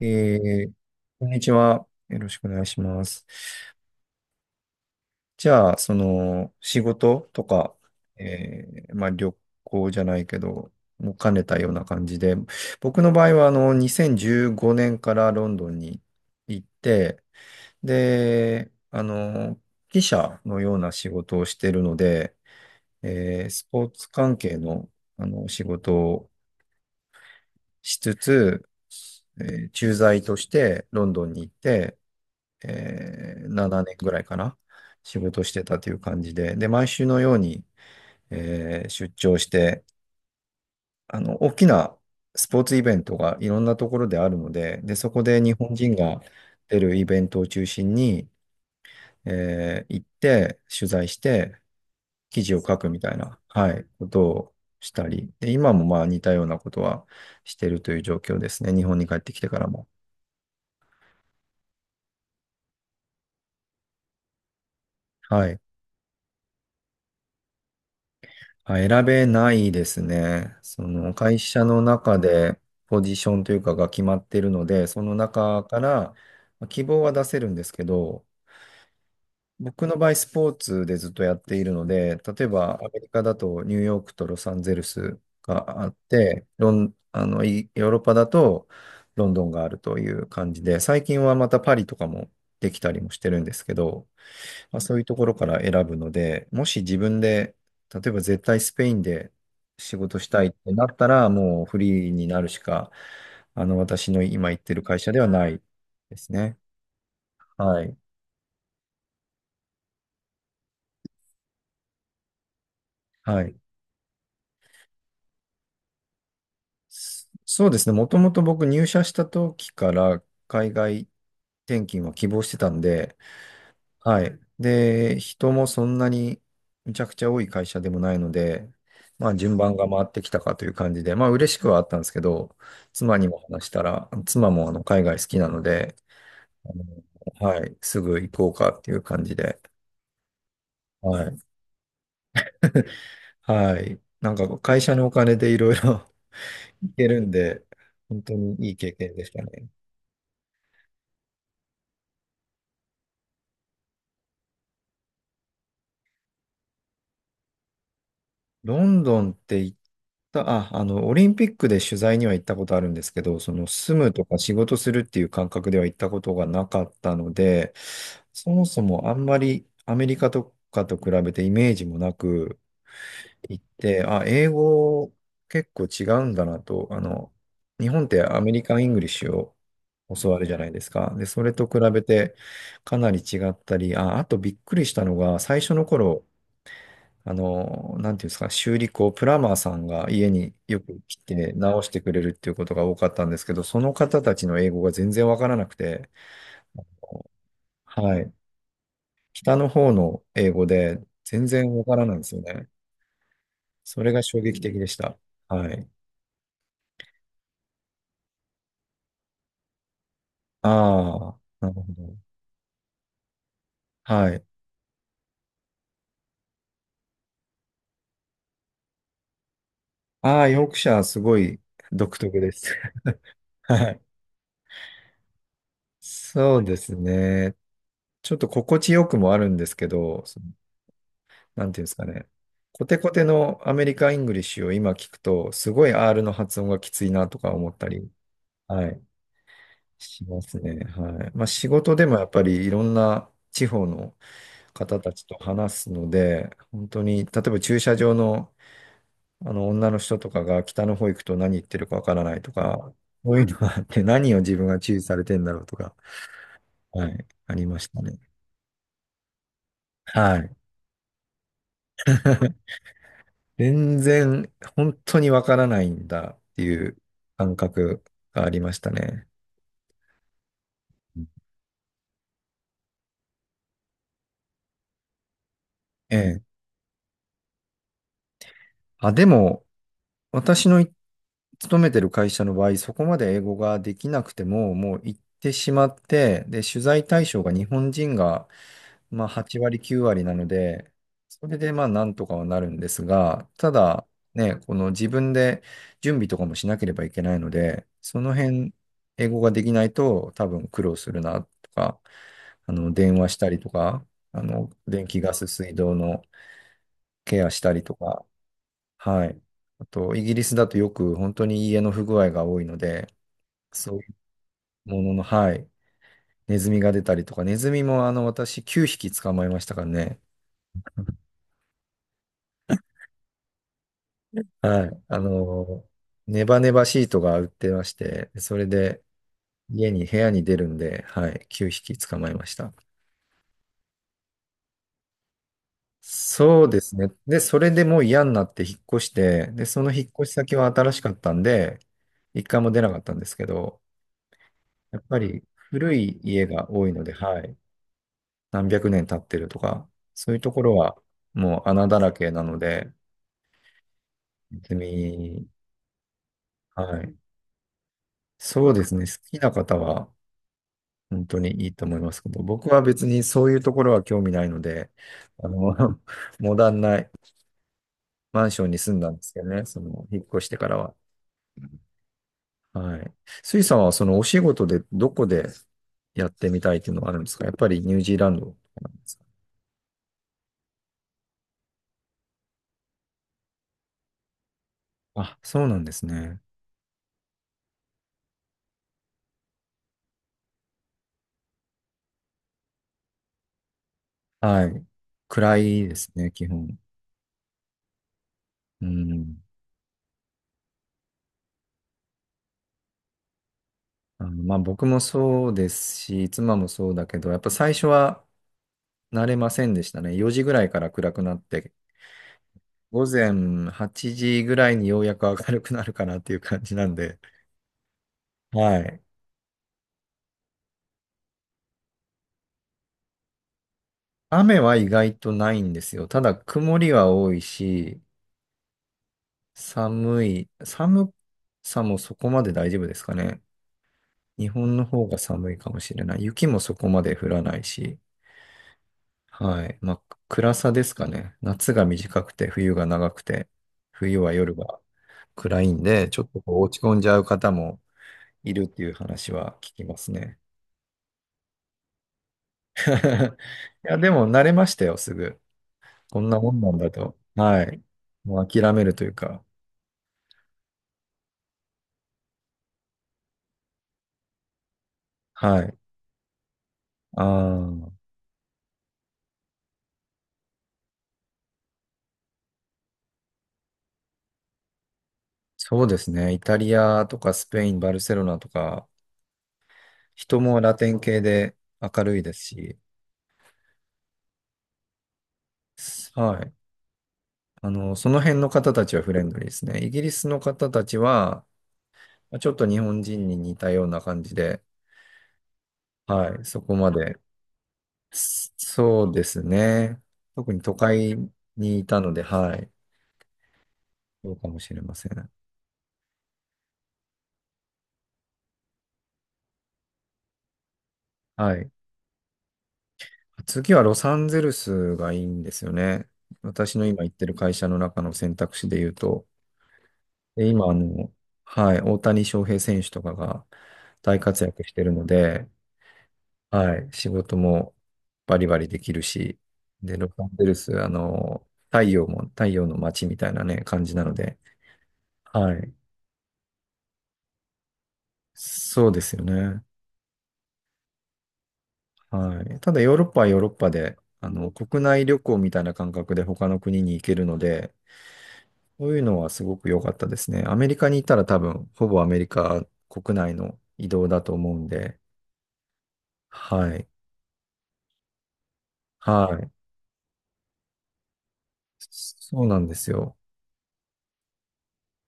えー、こんにちは。よろしくお願いします。じゃあ、仕事とか、まあ、旅行じゃないけど、も兼ねたような感じで、僕の場合は、2015年からロンドンに行って、で、記者のような仕事をしているので、スポーツ関係の、仕事をしつつ、駐在としてロンドンに行って、7年ぐらいかな、仕事してたという感じで、で、毎週のように、出張して、大きなスポーツイベントがいろんなところであるので、で、そこで日本人が出るイベントを中心に、行って、取材して、記事を書くみたいな、はい、ことをしたり、で、今もまあ似たようなことはしてるという状況ですね、日本に帰ってきてからも。はい。あ、選べないですね。その会社の中でポジションというかが決まっているので、その中からまあ希望は出せるんですけど、僕の場合スポーツでずっとやっているので、例えばアメリカだとニューヨークとロサンゼルスがあって、ロン、あの、いヨーロッパだとロンドンがあるという感じで、最近はまたパリとかもできたりもしてるんですけど、まあ、そういうところから選ぶので、もし自分で、例えば絶対スペインで仕事したいってなったら、もうフリーになるしか、私の今行ってる会社ではないですね。はい。はい。そうですね。もともと僕入社した時から海外転勤は希望してたんで、はい。で、人もそんなにむちゃくちゃ多い会社でもないので、まあ順番が回ってきたかという感じで、まあ嬉しくはあったんですけど、妻にも話したら、妻もあの海外好きなので、あはい、すぐ行こうかっていう感じで、はい。はい。なんか会社のお金でいろいろ 行けるんで、本当にいい経験でしたね。ロンドンって行った、あ、あの、オリンピックで取材には行ったことあるんですけど、その住むとか仕事するっていう感覚では行ったことがなかったので、そもそもあんまりアメリカとかと比べてイメージもなく行って、あ、英語結構違うんだなと、日本ってアメリカン・イングリッシュを教わるじゃないですか。で、それと比べてかなり違ったり、あ、あとびっくりしたのが、最初の頃、なんていうんですか、修理工、プラマーさんが家によく来て直してくれるっていうことが多かったんですけど、その方たちの英語が全然わからなくて、はい。北の方の英語で全然わからないんですよね。それが衝撃的でした。はい。ああ、なるほど。はい。ああ、ヨークシャーすごい独特です。はい。そうですね。ちょっと心地よくもあるんですけど、なんていうんですかね。コテコテのアメリカ・イングリッシュを今聞くと、すごい R の発音がきついなとか思ったり、はい、しますね。はい。まあ仕事でもやっぱりいろんな地方の方たちと話すので、本当に、例えば駐車場の、あの女の人とかが北の方行くと何言ってるかわからないとか、そういうのがあって何を自分が注意されてんだろうとか、はい、ありましたね。はい。全然本当にわからないんだっていう感覚がありましたね。うんええ。あ、でも、私のい勤めてる会社の場合、そこまで英語ができなくても、もう行ってしまって、で、取材対象が日本人が、まあ、8割、9割なので、それでまあ、なんとかはなるんですが、ただ、ね、この自分で準備とかもしなければいけないので、その辺、英語ができないと多分苦労するなとか、電話したりとか、電気、ガス、水道のケアしたりとか、はい。あと、イギリスだとよく本当に家の不具合が多いので、そういうものの、はい。ネズミが出たりとか、ネズミもあの、私9匹捕まえましたからね。はい。ネバネバシートが売ってまして、それで家に、部屋に出るんで、はい。9匹捕まえました。そうですね。で、それでもう嫌になって引っ越して、で、その引っ越し先は新しかったんで、一回も出なかったんですけど、やっぱり古い家が多いので、はい。何百年経ってるとか、そういうところはもう穴だらけなので、別に、はい。そうですね。好きな方は本当にいいと思いますけど、僕は別にそういうところは興味ないので、あの、モダンなマンションに住んだんですけどね、その、引っ越してからは。はい。スイさんはそのお仕事でどこでやってみたいっていうのはあるんですか？やっぱりニュージーランドとかなんですか？あ、そうなんですね。はい。暗いですね、基本。うん。まあ僕もそうですし、妻もそうだけど、やっぱ最初は慣れませんでしたね。4時ぐらいから暗くなって、午前8時ぐらいにようやく明るくなるかなっていう感じなんで、はい。雨は意外とないんですよ。ただ曇りは多いし、寒さもそこまで大丈夫ですかね。日本の方が寒いかもしれない。雪もそこまで降らないし。はい。まあ、暗さですかね。夏が短くて、冬が長くて、冬は夜が暗いんで、ちょっとこう落ち込んじゃう方もいるっていう話は聞きますね。いや、でも慣れましたよ、すぐ。こんなもんなんだと。はい。もう諦めるというか。はい。ああ、そうですね。イタリアとかスペイン、バルセロナとか、人もラテン系で明るいですし、はい。その辺の方たちはフレンドリーですね。イギリスの方たちは、まあちょっと日本人に似たような感じで、はい、そこまで。そそうですね。特に都会にいたので、はい、そうかもしれません。はい。次はロサンゼルスがいいんですよね。私の今行ってる会社の中の選択肢で言うと、で今、あの、はい、大谷翔平選手とかが大活躍してるので、はい、仕事もバリバリできるし、で、ロサンゼルス、太陽も、太陽の街みたいなね、感じなので、はい、そうですよね。はい。ただ、ヨーロッパはヨーロッパで、国内旅行みたいな感覚で他の国に行けるので、そういうのはすごく良かったですね。アメリカにいたら多分、ほぼアメリカ国内の移動だと思うんで、はい、はい。そうなんですよ。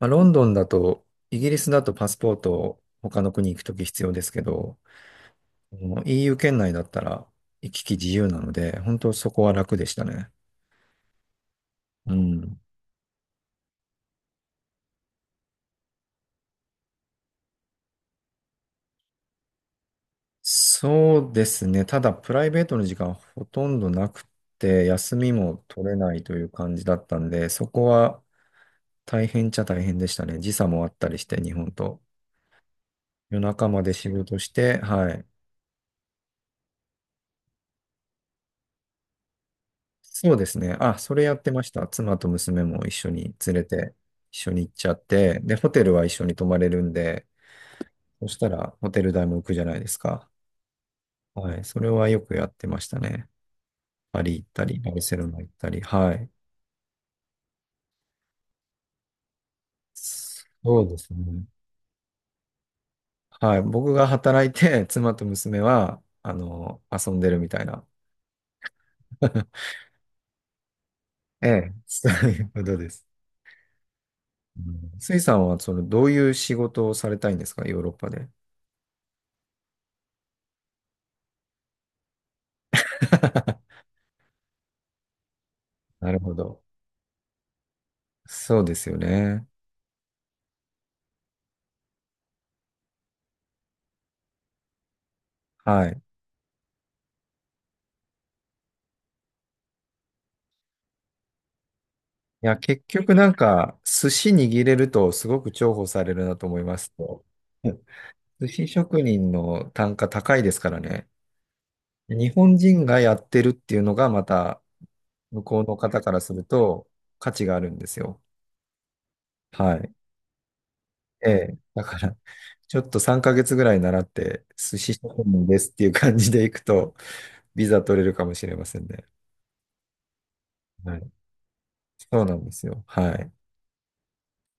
まあ、ロンドンだと、イギリスだとパスポートを他の国行くとき必要ですけど、もう EU 圏内だったら行き来自由なので、本当そこは楽でしたね。うん。そうですね。ただ、プライベートの時間ほとんどなくて、休みも取れないという感じだったんで、そこは大変っちゃ大変でしたね。時差もあったりして、日本と。夜中まで仕事して、はい。そうですね。あ、それやってました。妻と娘も一緒に連れて、一緒に行っちゃって、で、ホテルは一緒に泊まれるんで、そしたらホテル代も浮くじゃないですか。はい。それはよくやってましたね。パリ行ったり、バルセロナ行ったり。はい。そうですね。はい。僕が働いて、妻と娘は、遊んでるみたいな。ええ、そういうことです。うんスイさんは、どういう仕事をされたいんですか？ヨーロッパで。なるほど。そうですよね。はい。いや、結局なんか、寿司握れるとすごく重宝されるなと思いますと。うん寿司職人の単価高いですからね。日本人がやってるっていうのがまた、向こうの方からすると価値があるんですよ。はい。ええ。だから、ちょっと3ヶ月ぐらい習って、寿司職人ですっていう感じでいくと、ビザ取れるかもしれませんね。はい。そうなんですよ。はい。